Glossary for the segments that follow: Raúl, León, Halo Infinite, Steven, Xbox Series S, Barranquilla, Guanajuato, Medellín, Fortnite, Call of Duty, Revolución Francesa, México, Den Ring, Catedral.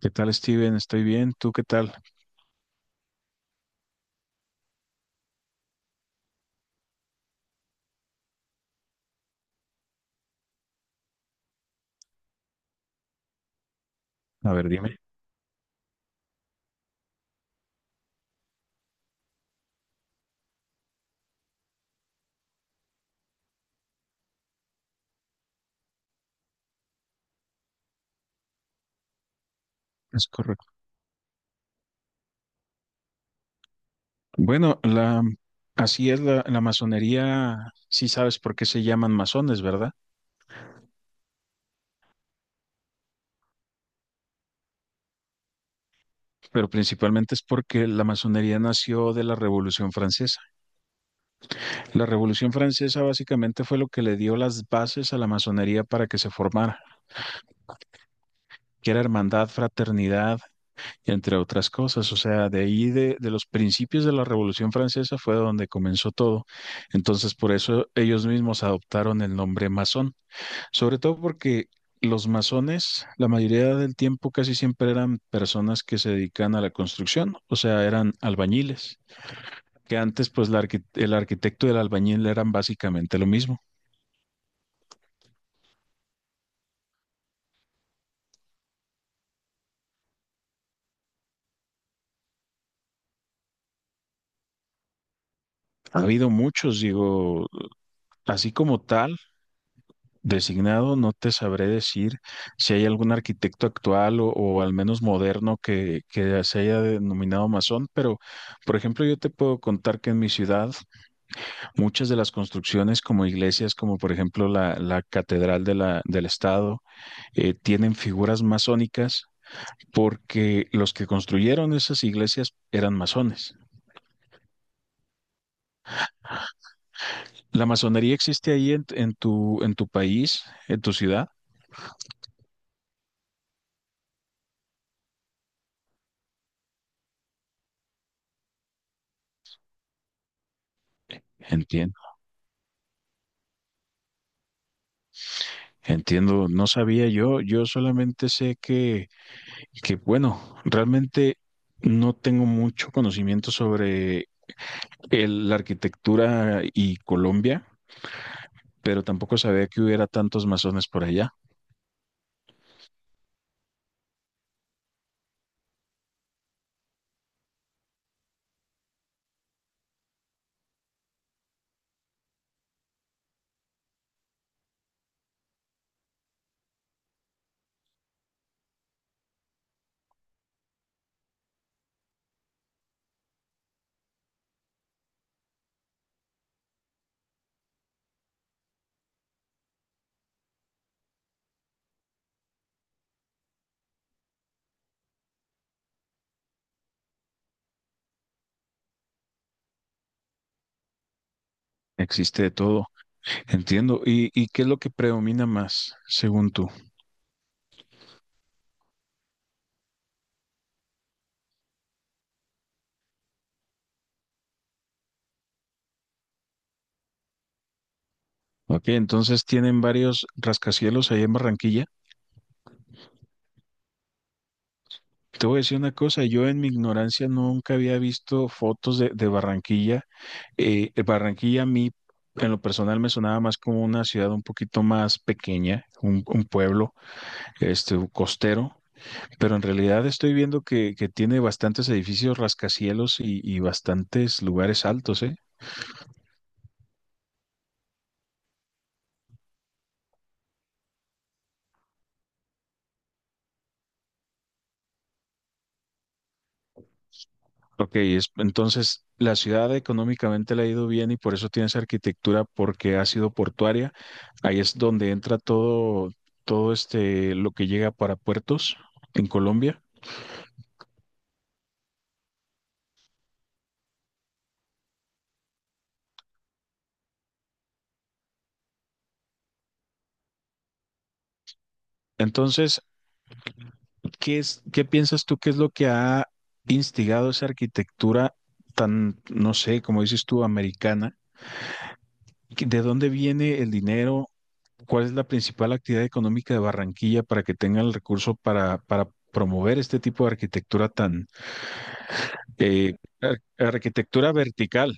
¿Qué tal, Steven? Estoy bien. ¿Tú qué tal? A ver, dime. Es correcto. Bueno, así es la masonería. Sí sabes por qué se llaman masones, ¿verdad? Pero principalmente es porque la masonería nació de la Revolución Francesa. La Revolución Francesa básicamente fue lo que le dio las bases a la masonería para que se formara, que era hermandad, fraternidad, entre otras cosas. O sea, de ahí de los principios de la Revolución Francesa fue donde comenzó todo. Entonces, por eso ellos mismos adoptaron el nombre masón. Sobre todo porque los masones, la mayoría del tiempo casi siempre eran personas que se dedican a la construcción, o sea, eran albañiles, que antes pues el arquitecto y el albañil eran básicamente lo mismo. Ha habido muchos, digo, así como tal, designado, no te sabré decir si hay algún arquitecto actual o al menos moderno que se haya denominado masón, pero por ejemplo yo te puedo contar que en mi ciudad muchas de las construcciones como iglesias, como por ejemplo la Catedral de del Estado, tienen figuras masónicas porque los que construyeron esas iglesias eran masones. ¿La masonería existe ahí en tu país, en tu ciudad? Entiendo, entiendo, no sabía yo, yo solamente sé que bueno, realmente no tengo mucho conocimiento sobre la arquitectura y Colombia, pero tampoco sabía que hubiera tantos masones por allá. Existe de todo, entiendo. Y qué es lo que predomina más, según tú? Ok, entonces tienen varios rascacielos ahí en Barranquilla. Te voy a decir una cosa, yo en mi ignorancia nunca había visto fotos de Barranquilla. Barranquilla a mí, en lo personal, me sonaba más como una ciudad un poquito más pequeña, un pueblo, costero, pero en realidad estoy viendo que tiene bastantes edificios rascacielos y bastantes lugares altos, ¿eh? Ok, entonces la ciudad económicamente le ha ido bien y por eso tiene esa arquitectura porque ha sido portuaria. Ahí es donde entra todo, todo este, lo que llega para puertos en Colombia. Entonces, ¿qué es, qué piensas tú que es lo que ha instigado esa arquitectura tan, no sé, como dices tú, americana? ¿Qué- ¿De dónde viene el dinero? ¿Cuál es la principal actividad económica de Barranquilla para que tenga el recurso para promover este tipo de arquitectura tan... Eh, arquitectura vertical,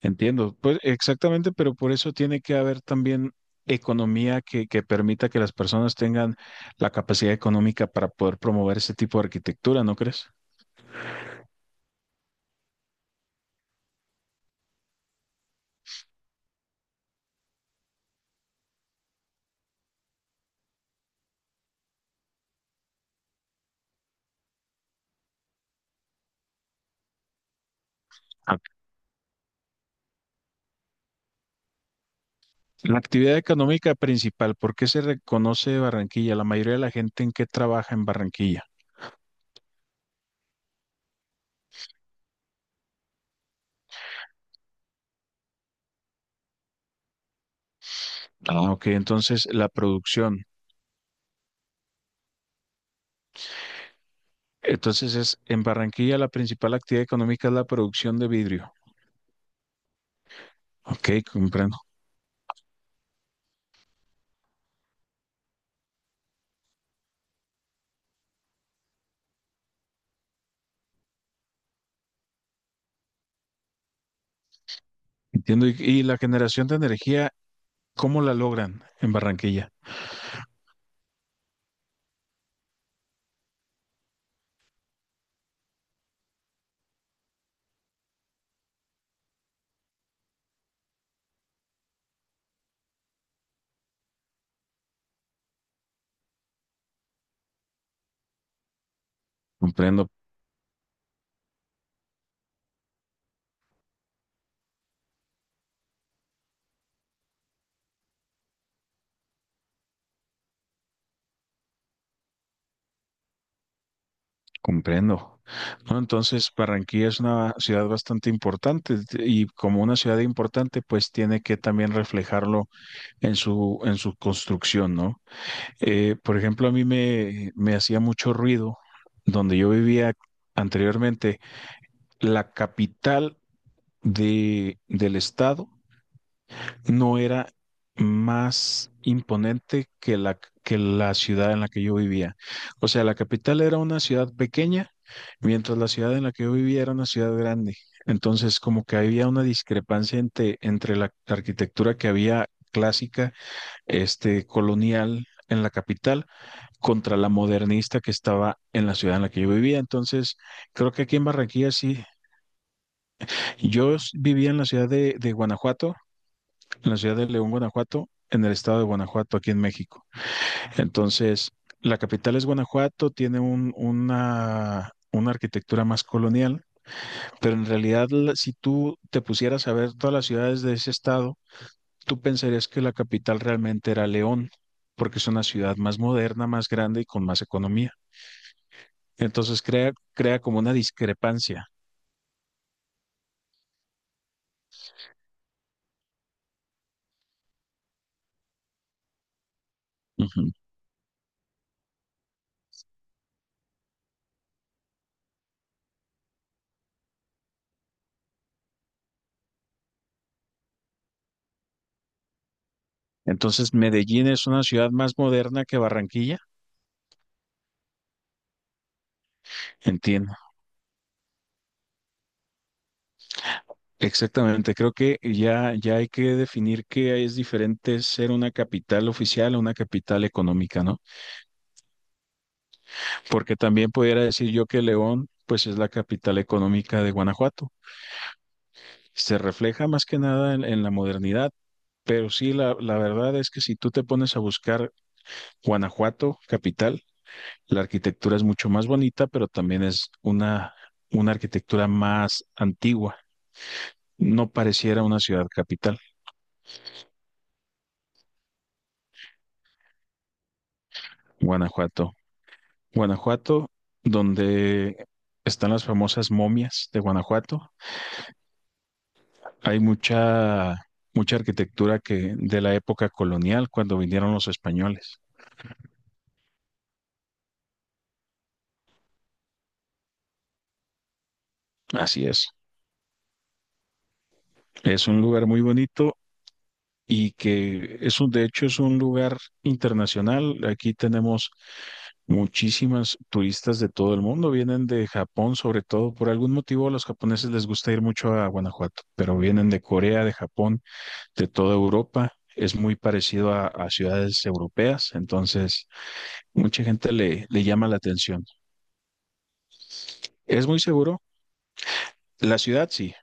entiendo. Pues exactamente, pero por eso tiene que haber también economía que permita que las personas tengan la capacidad económica para poder promover ese tipo de arquitectura, ¿no crees? Ah, la actividad económica principal, ¿por qué se reconoce Barranquilla? La mayoría de la gente en qué trabaja en Barranquilla. Ah, ok, entonces la producción. Entonces es en Barranquilla la principal actividad económica es la producción de vidrio. Ok, comprendo. Entiendo. Y la generación de energía, ¿cómo la logran en Barranquilla? Comprendo, comprendo. ¿No? Entonces, Barranquilla es una ciudad bastante importante y como una ciudad importante, pues tiene que también reflejarlo en su construcción, ¿no? Por ejemplo, a mí me hacía mucho ruido donde yo vivía anteriormente, la capital del estado no era más imponente que que la ciudad en la que yo vivía. O sea, la capital era una ciudad pequeña, mientras la ciudad en la que yo vivía era una ciudad grande. Entonces, como que había una discrepancia entre la arquitectura que había clásica, colonial en la capital, contra la modernista que estaba en la ciudad en la que yo vivía. Entonces, creo que aquí en Barranquilla sí. Vivía en la ciudad de Guanajuato, en la ciudad de León, Guanajuato, en el estado de Guanajuato, aquí en México. Entonces, la capital es Guanajuato, tiene una arquitectura más colonial, pero en realidad si tú te pusieras a ver todas las ciudades de ese estado, tú pensarías que la capital realmente era León, porque es una ciudad más moderna, más grande y con más economía. Entonces crea como una discrepancia. Ujú. Entonces Medellín es una ciudad más moderna que Barranquilla, entiendo. Exactamente, creo que ya hay que definir que es diferente ser una capital oficial a una capital económica, ¿no? Porque también pudiera decir yo que León, pues es la capital económica de Guanajuato. Se refleja más que nada en, en la modernidad, pero sí, la verdad es que si tú te pones a buscar Guanajuato, capital, la arquitectura es mucho más bonita, pero también es una arquitectura más antigua. No pareciera una ciudad capital, Guanajuato. Guanajuato, donde están las famosas momias de Guanajuato. Hay mucha, mucha arquitectura que de la época colonial, cuando vinieron los españoles. Así es. Es un lugar muy bonito y que es un, de hecho, es un lugar internacional. Aquí tenemos muchísimas turistas de todo el mundo. Vienen de Japón, sobre todo. Por algún motivo, a los japoneses les gusta ir mucho a Guanajuato, pero vienen de Corea, de Japón, de toda Europa. Es muy parecido a ciudades europeas, entonces mucha gente le llama la atención. Es muy seguro. La ciudad sí.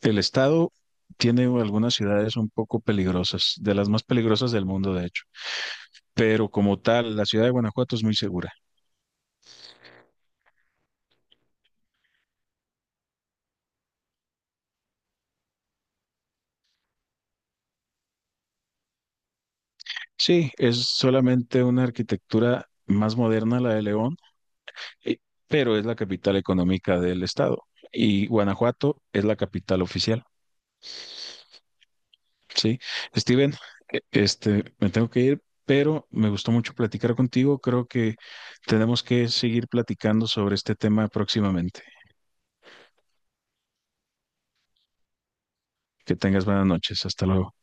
El estado tiene algunas ciudades un poco peligrosas, de las más peligrosas del mundo, de hecho. Pero como tal, la ciudad de Guanajuato es muy segura. Sí, es solamente una arquitectura más moderna la de León, eh, pero es la capital económica del estado. Y Guanajuato es la capital oficial. Sí, Steven, me tengo que ir, pero me gustó mucho platicar contigo. Creo que tenemos que seguir platicando sobre este tema próximamente. Que tengas buenas noches. Hasta luego.